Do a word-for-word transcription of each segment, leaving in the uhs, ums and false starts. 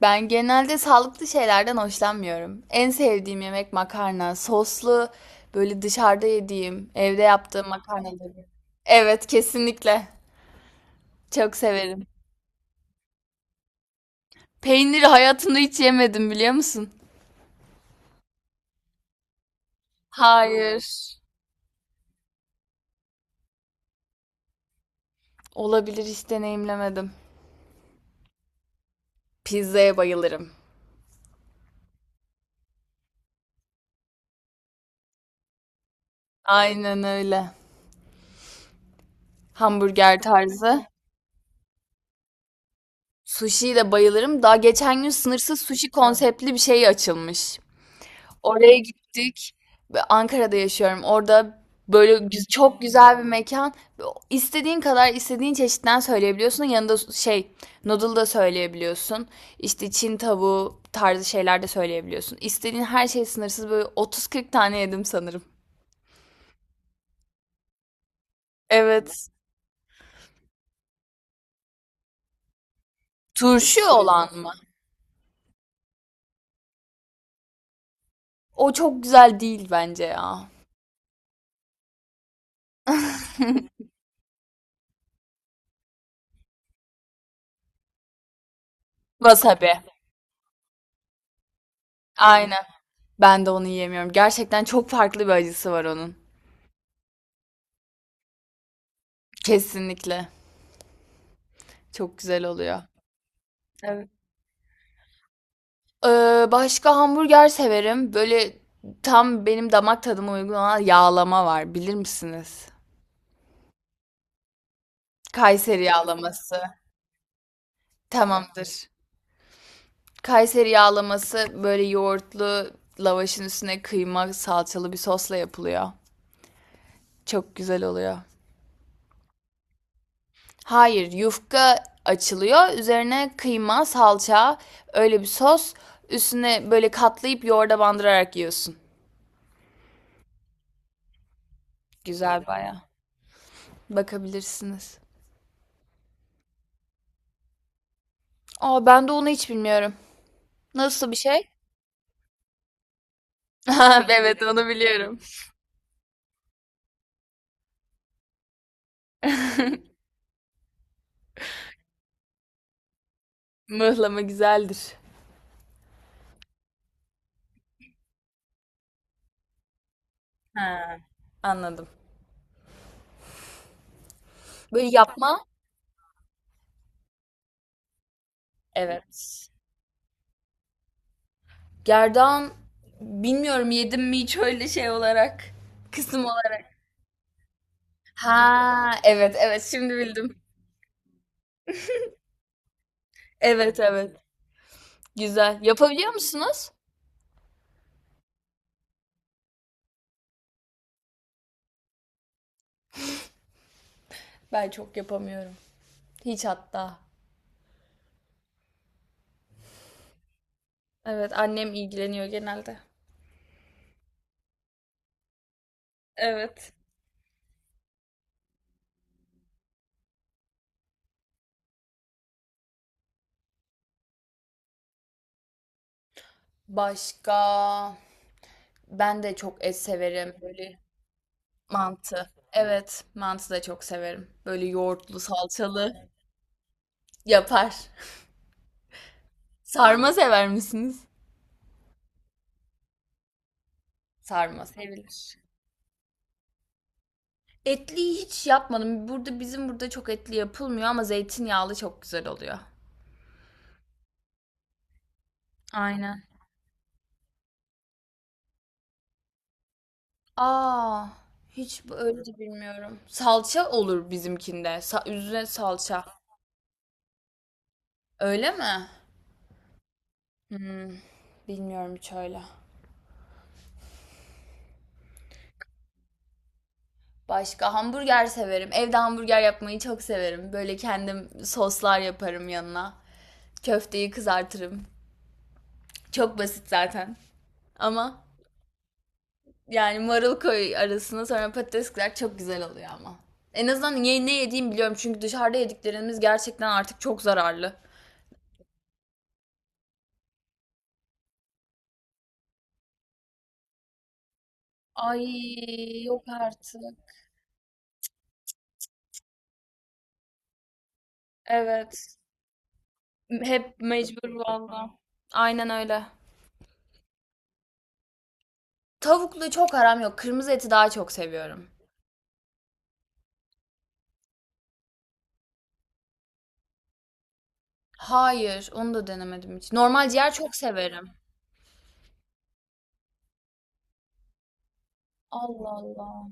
Ben genelde sağlıklı şeylerden hoşlanmıyorum. En sevdiğim yemek makarna. Soslu böyle dışarıda yediğim, evde yaptığım makarnaları. Evet, kesinlikle. Çok severim. Peyniri hayatımda hiç yemedim biliyor musun? Hayır. Olabilir, hiç deneyimlemedim. Pizzaya bayılırım. Aynen öyle. Hamburger tarzı. Sushi'ye de bayılırım. Daha geçen gün sınırsız sushi konseptli bir şey açılmış. Oraya gittik. Ve Ankara'da yaşıyorum. Orada böyle gü- çok güzel bir mekan. İstediğin kadar istediğin çeşitten söyleyebiliyorsun. Yanında şey noodle da söyleyebiliyorsun. İşte Çin tavuğu tarzı şeyler de söyleyebiliyorsun. İstediğin her şey sınırsız. Böyle otuz kırk tane yedim sanırım. Evet. Turşu olan mı? O çok güzel değil bence ya. Wasabi. Aynen. Ben de onu yiyemiyorum. Gerçekten çok farklı bir acısı var onun. Kesinlikle. Çok güzel oluyor. Evet. Ee, başka hamburger severim. Böyle tam benim damak tadıma uygun olan yağlama var. Bilir misiniz? Kayseri yağlaması. Tamamdır. Kayseri yağlaması böyle yoğurtlu lavaşın üstüne kıyma salçalı bir sosla yapılıyor. Çok güzel oluyor. Hayır, yufka açılıyor. Üzerine kıyma, salça, öyle bir sos. Üstüne böyle katlayıp yoğurda bandırarak yiyorsun. Güzel baya. Bakabilirsiniz. Aa, ben de onu hiç bilmiyorum. Nasıl bir şey? Ha, evet onu biliyorum. Mıhlama güzeldir. Ha, anladım. Böyle yapma. Evet. Gerdan, bilmiyorum yedim mi hiç öyle şey olarak. Kısım olarak. Ha, evet evet, şimdi bildim. Evet evet. Güzel. Yapabiliyor musunuz? Ben çok yapamıyorum. Hiç hatta. Evet, annem ilgileniyor genelde. Evet. Başka ben de çok et severim böyle. Mantı. Evet, mantı da çok severim. Böyle yoğurtlu, salçalı yapar. Sarma sever misiniz? Sarma sevilir. Etliyi hiç yapmadım. Burada, bizim burada çok etli yapılmıyor ama zeytinyağlı çok güzel oluyor. Aynen. Aa, hiç bu- öyle de bilmiyorum. Salça olur bizimkinde. Sa- üzerine salça. Öyle mi? Bilmiyorum hiç öyle. Başka hamburger severim. Evde hamburger yapmayı çok severim. Böyle kendim soslar yaparım yanına. Köfteyi kızartırım. Çok basit zaten. Ama yani marul koy arasına, sonra patates kızar, çok güzel oluyor ama. En azından ye- ne yediğimi biliyorum, çünkü dışarıda yediklerimiz gerçekten artık çok zararlı. Ay, yok artık. Evet. Hep mecbur valla. Aynen öyle. Tavuklu çok aram yok. Kırmızı eti daha çok seviyorum. Hayır, onu da denemedim hiç. Normal ciğer çok severim. Allah Allah.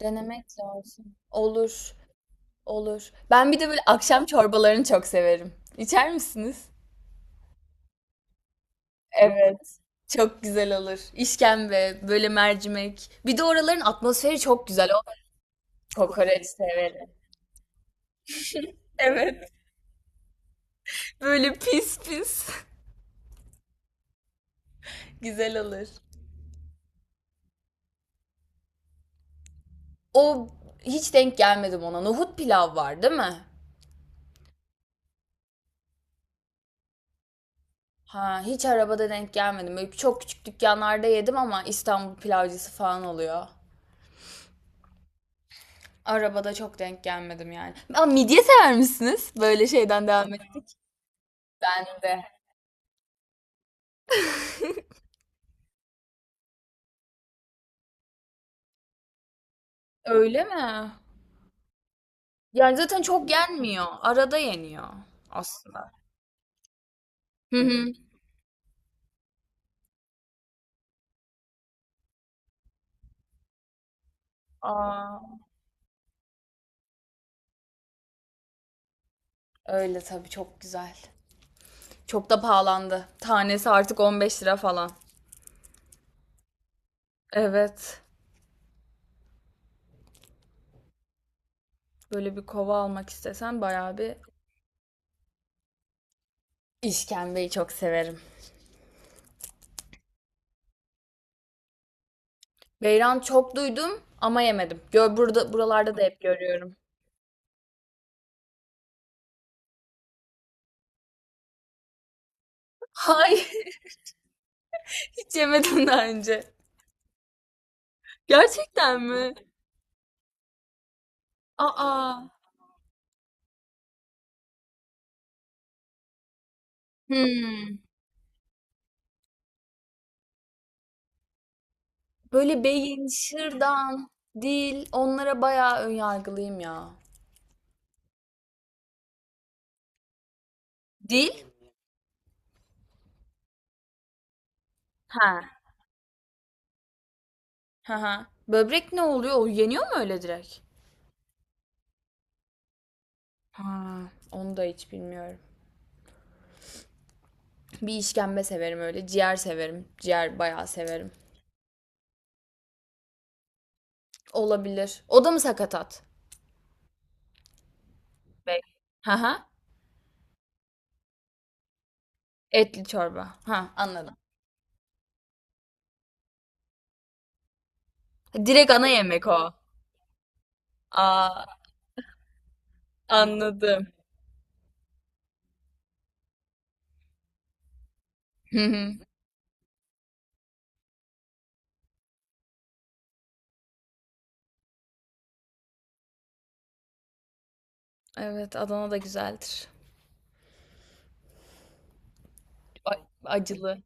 Denemek lazım. Olur. Olur. Ben bir de böyle akşam çorbalarını çok severim. İçer misiniz? Evet. Çok güzel olur. İşkembe, böyle mercimek. Bir de oraların atmosferi çok güzel. O kokoreç severim. Evet. Böyle pis pis. Güzel olur. O, hiç denk gelmedim ona. Nohut pilav var, değil mi? Ha, hiç arabada denk gelmedim. Böyle çok küçük dükkanlarda yedim ama İstanbul pilavcısı falan oluyor. Arabada çok denk gelmedim yani. Aa, midye sever misiniz? Böyle şeyden devam et. Ben de. Öyle mi? Yani zaten çok yenmiyor. Arada yeniyor aslında. Hı hı. Aa, öyle tabii çok güzel. Çok da pahalandı. Tanesi artık on beş lira falan. Evet. Böyle bir kova almak istesen bayağı bir. İşkembeyi çok severim. Beyran çok duydum ama yemedim. Gör, burada buralarda da hep görüyorum. Hayır, hiç yemedim daha önce. Gerçekten mi? Aa. Hmm. Böyle beyin, şırdan, dil, onlara bayağı ön yargılıyım ya. Dil? Ha. Ha ha. Böbrek ne oluyor? O yeniyor mu öyle direkt? Ha, onu da hiç bilmiyorum. Bir işkembe severim öyle. Ciğer severim. Ciğer bayağı severim. Olabilir. O da mı sakatat? Bey. Ha ha. Etli çorba. Ha, anladım. Direkt ana yemek o. Aa, anladım. Hı hı. Evet, Adana da güzeldir. A- Acılı.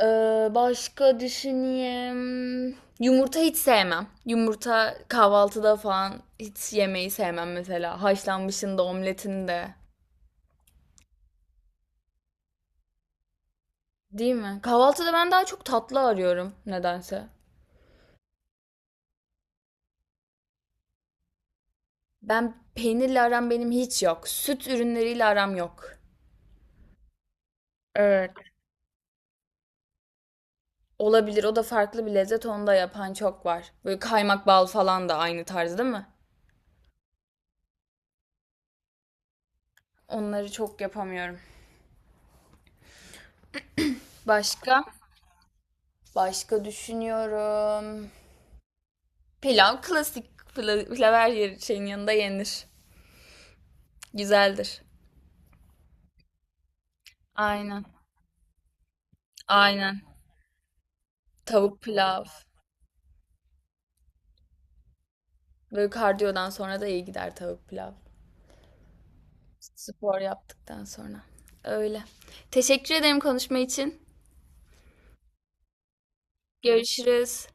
Ee, başka düşüneyim. Yumurta hiç sevmem. Yumurta kahvaltıda falan hiç yemeyi sevmem mesela. Haşlanmışın da omletin de. Değil mi? Kahvaltıda ben daha çok tatlı arıyorum nedense. Ben peynirle aram benim hiç yok. Süt ürünleriyle aram yok. Evet. Olabilir. O da farklı bir lezzet. Onu da yapan çok var. Böyle kaymak bal falan da aynı tarz değil mi? Onları çok yapamıyorum. Başka? Başka düşünüyorum. Pilav klasik, pla- pilav şeyin yanında yenir. Güzeldir. Aynen. Aynen. Tavuk pilav. Böyle kardiyodan sonra da iyi gider tavuk pilav. Spor yaptıktan sonra. Öyle. Teşekkür ederim konuşma için. Görüşürüz.